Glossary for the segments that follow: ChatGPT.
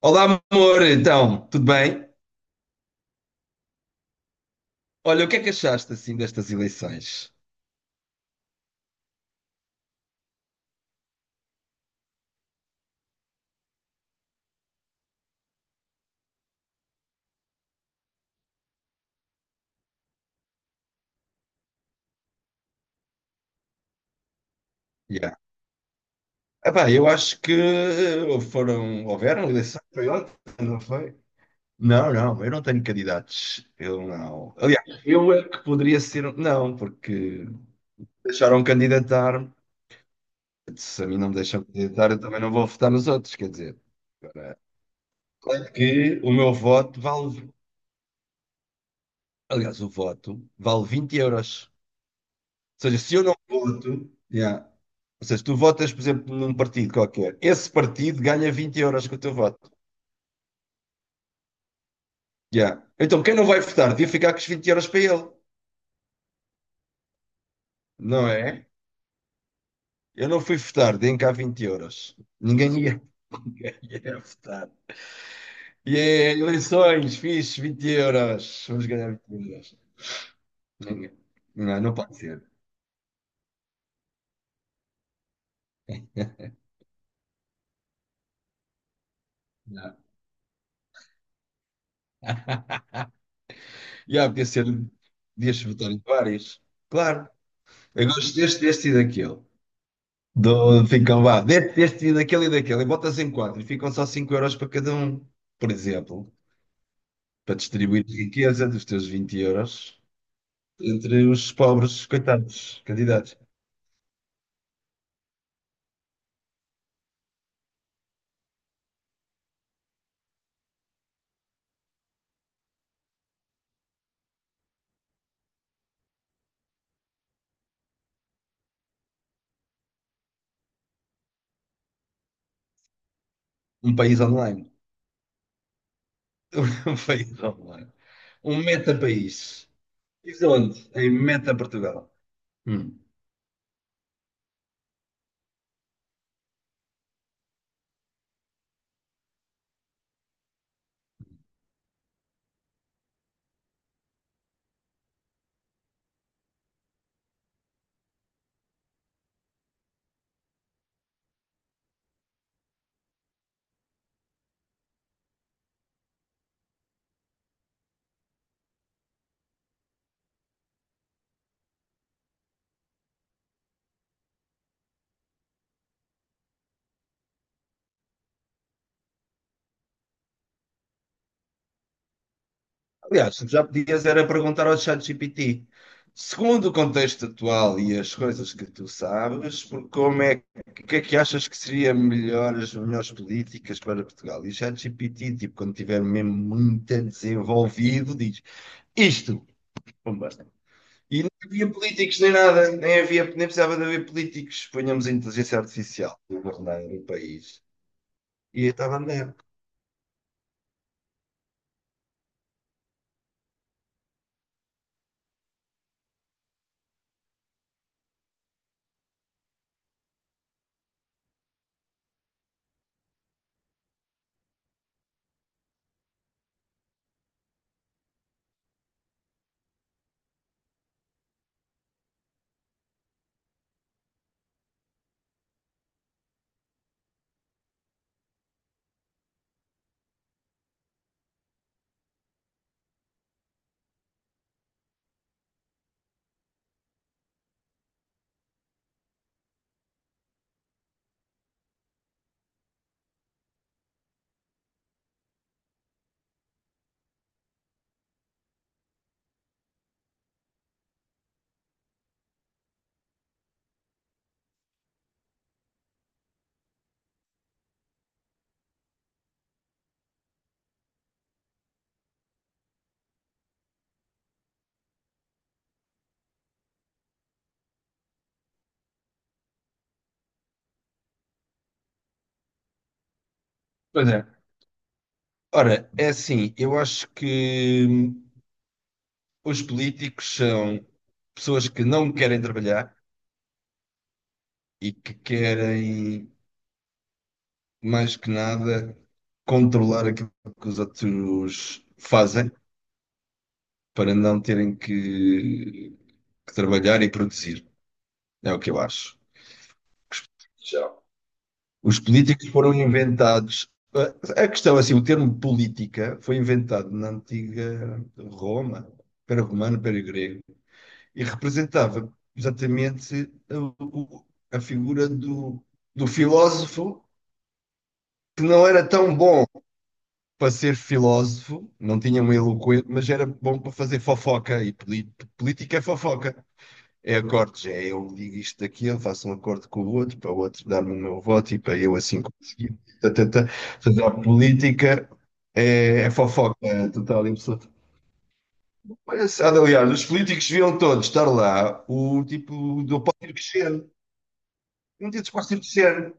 Olá, amor, então, tudo bem? Olha, o que é que achaste assim destas eleições? Yeah. Epá, eu acho que houveram eleições, foi ontem, não foi? Não, não, eu não tenho candidatos. Eu não. Aliás, eu é que poderia ser. Não, porque deixaram candidatar-me. Se a mim não me deixam candidatar, eu também não vou votar nos outros, quer dizer. Agora, claro que o meu voto vale. Aliás, o voto vale 20 euros. Seja, se eu não voto, yeah. Ou seja, tu votas, por exemplo, num partido qualquer, esse partido ganha 20 euros com o teu voto. Yeah. Então, quem não vai votar devia ficar com os vinte euros para ele, não é? Eu não fui votar, deem cá 20 euros. Ninguém ia, ninguém ia votar. E yeah, eleições, fixe, 20 euros. Vamos ganhar 20 euros. Ninguém. Não, não pode ser. Não. Yeah, podia ser, podias votar em vários. Claro, eu gosto deste, deste e daquele. Ficam, vá, deste, deste e daquele e daquele, e botas em quatro, e ficam só 5 euros para cada um, por exemplo, para distribuir a riqueza dos teus 20 euros entre os pobres, coitados, candidatos. Um país online. Um país online. Um meta-país. Isso onde? Em meta-Portugal. Hum. Aliás, já podias era perguntar ao ChatGPT, segundo o contexto atual e as coisas que tu sabes, por como é, o que é que achas que seria melhor, as melhores políticas para Portugal? E o ChatGPT, tipo, quando estiver mesmo muito desenvolvido, diz isto. Pumba. E não havia políticos nem nada, nem havia, nem precisava de haver políticos. Ponhamos a inteligência artificial a governar o país. E estava a andar. Pois é. Ora, é assim, eu acho que os políticos são pessoas que não querem trabalhar e que querem, mais que nada, controlar aquilo que os outros fazem para não terem que trabalhar e produzir. É o que eu acho. Já. Os políticos foram inventados. A questão, é assim, o termo política foi inventado na antiga Roma, para romano, para grego. E representava exatamente a figura do filósofo que não era tão bom para ser filósofo, não tinha uma eloquência, mas era bom para fazer fofoca, e política é fofoca. É acordos, é eu digo isto daqui, eu faço um acordo com o outro, para o outro dar-me o meu voto e para eu assim conseguir. Tá, tá, tá. Portanto, a política é fofoca total e absoluta. Mas, aliás, os políticos deviam todos estar lá, o tipo do Pódio Crescente. Um dia disposto de ser.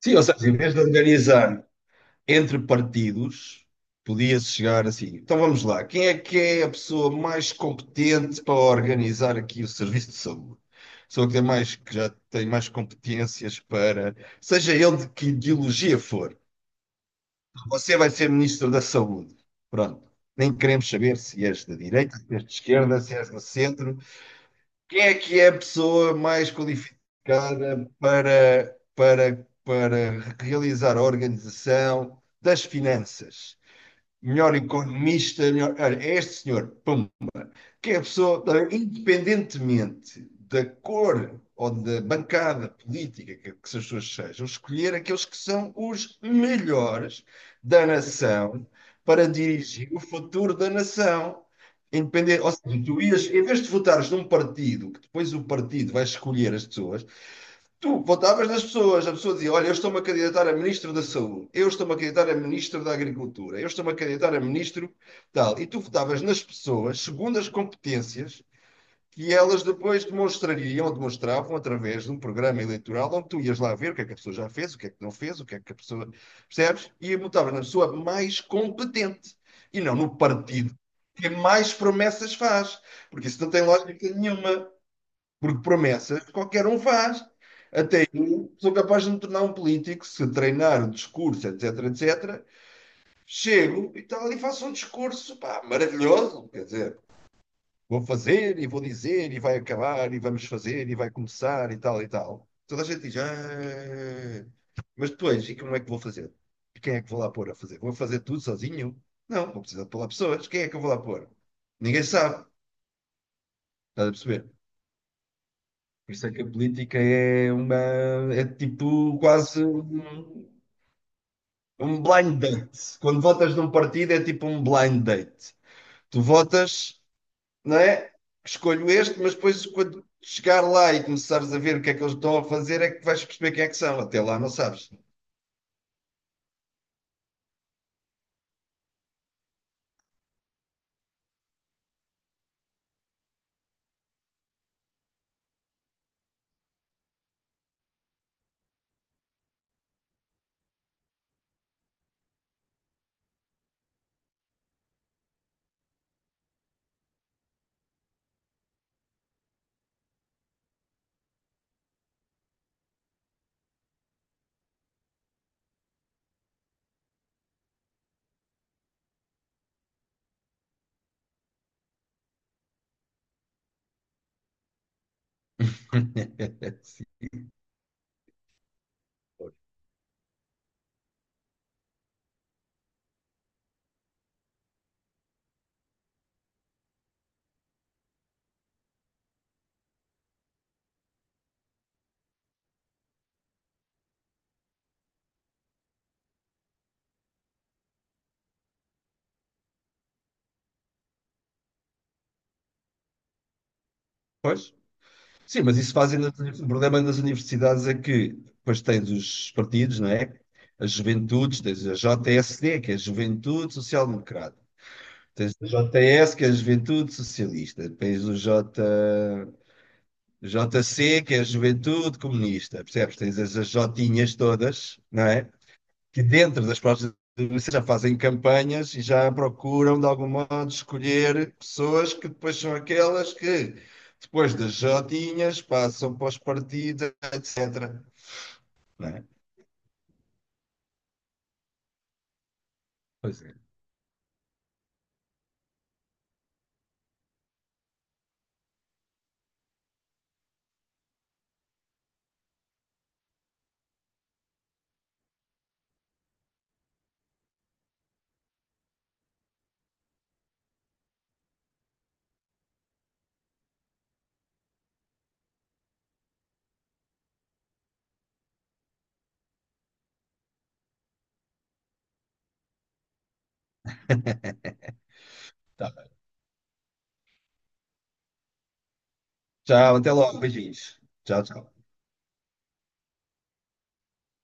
Sim, ou seja, em vez de organizar entre partidos, podia-se chegar assim. Então vamos lá, quem é que é a pessoa mais competente para organizar aqui o serviço de saúde? A pessoa que tem mais, que já tem mais competências para, seja ele de que ideologia for, você vai ser ministro da saúde. Pronto. Nem queremos saber se és da direita, se és de esquerda, se és do centro. Quem é que é a pessoa mais qualificada para realizar a organização das finanças? Melhor economista, melhor. Olha, é este senhor, pum, que a pessoa, independentemente da cor ou da bancada política que essas pessoas sejam, escolher aqueles que são os melhores da nação para dirigir o futuro da nação. Independente, ou seja, tu ias, em vez de votares num partido, que depois o partido vai escolher as pessoas, tu votavas nas pessoas, a pessoa dizia: olha, eu estou-me a candidatar a ministro da Saúde, eu estou-me a candidatar a ministro da Agricultura, eu estou-me a candidatar a ministro tal. E tu votavas nas pessoas segundo as competências que elas depois demonstrariam, ou demonstravam através de um programa eleitoral onde tu ias lá ver o que é que a pessoa já fez, o que é que não fez, o que é que a pessoa. Percebes? E votavas na pessoa mais competente e não no partido que mais promessas faz, porque isso não tem lógica nenhuma, porque promessas qualquer um faz. Eu sou capaz de me tornar um político se treinar o discurso, etc, etc. Chego e tal e faço um discurso, pá, maravilhoso, quer dizer, vou fazer e vou dizer e vai acabar e vamos fazer e vai começar e tal e tal. Toda a gente diz, "Ah", mas depois, e como é que vou fazer? E quem é que vou lá pôr a fazer? Vou fazer tudo sozinho? Não, vou precisar de pôr lá pessoas. Quem é que eu vou lá pôr? Ninguém sabe. Estás a perceber? Por isso é que a política é tipo quase um blind date. Quando votas num partido é tipo um blind date. Tu votas, não é? Escolho este, mas depois quando chegar lá e começares a ver o que é que eles estão a fazer é que vais perceber quem é que são. Até lá não sabes. Sim, pois. Sim, mas isso fazem nas o problema nas universidades é que depois tens os partidos, não é? As juventudes, tens a JSD, que é a Juventude Social Democrata. Tens a JS, que é a Juventude Socialista. Tens o J. JC, que é a Juventude Comunista, percebes? Tens as jotinhas todas, não é? Que dentro das próprias universidades já fazem campanhas e já procuram, de algum modo, escolher pessoas que depois são aquelas que, depois das jotinhas, passam para os partidos, etc. Não é? Pois é. Tá. Tchau, até logo, beijinhos. Tchau, tchau.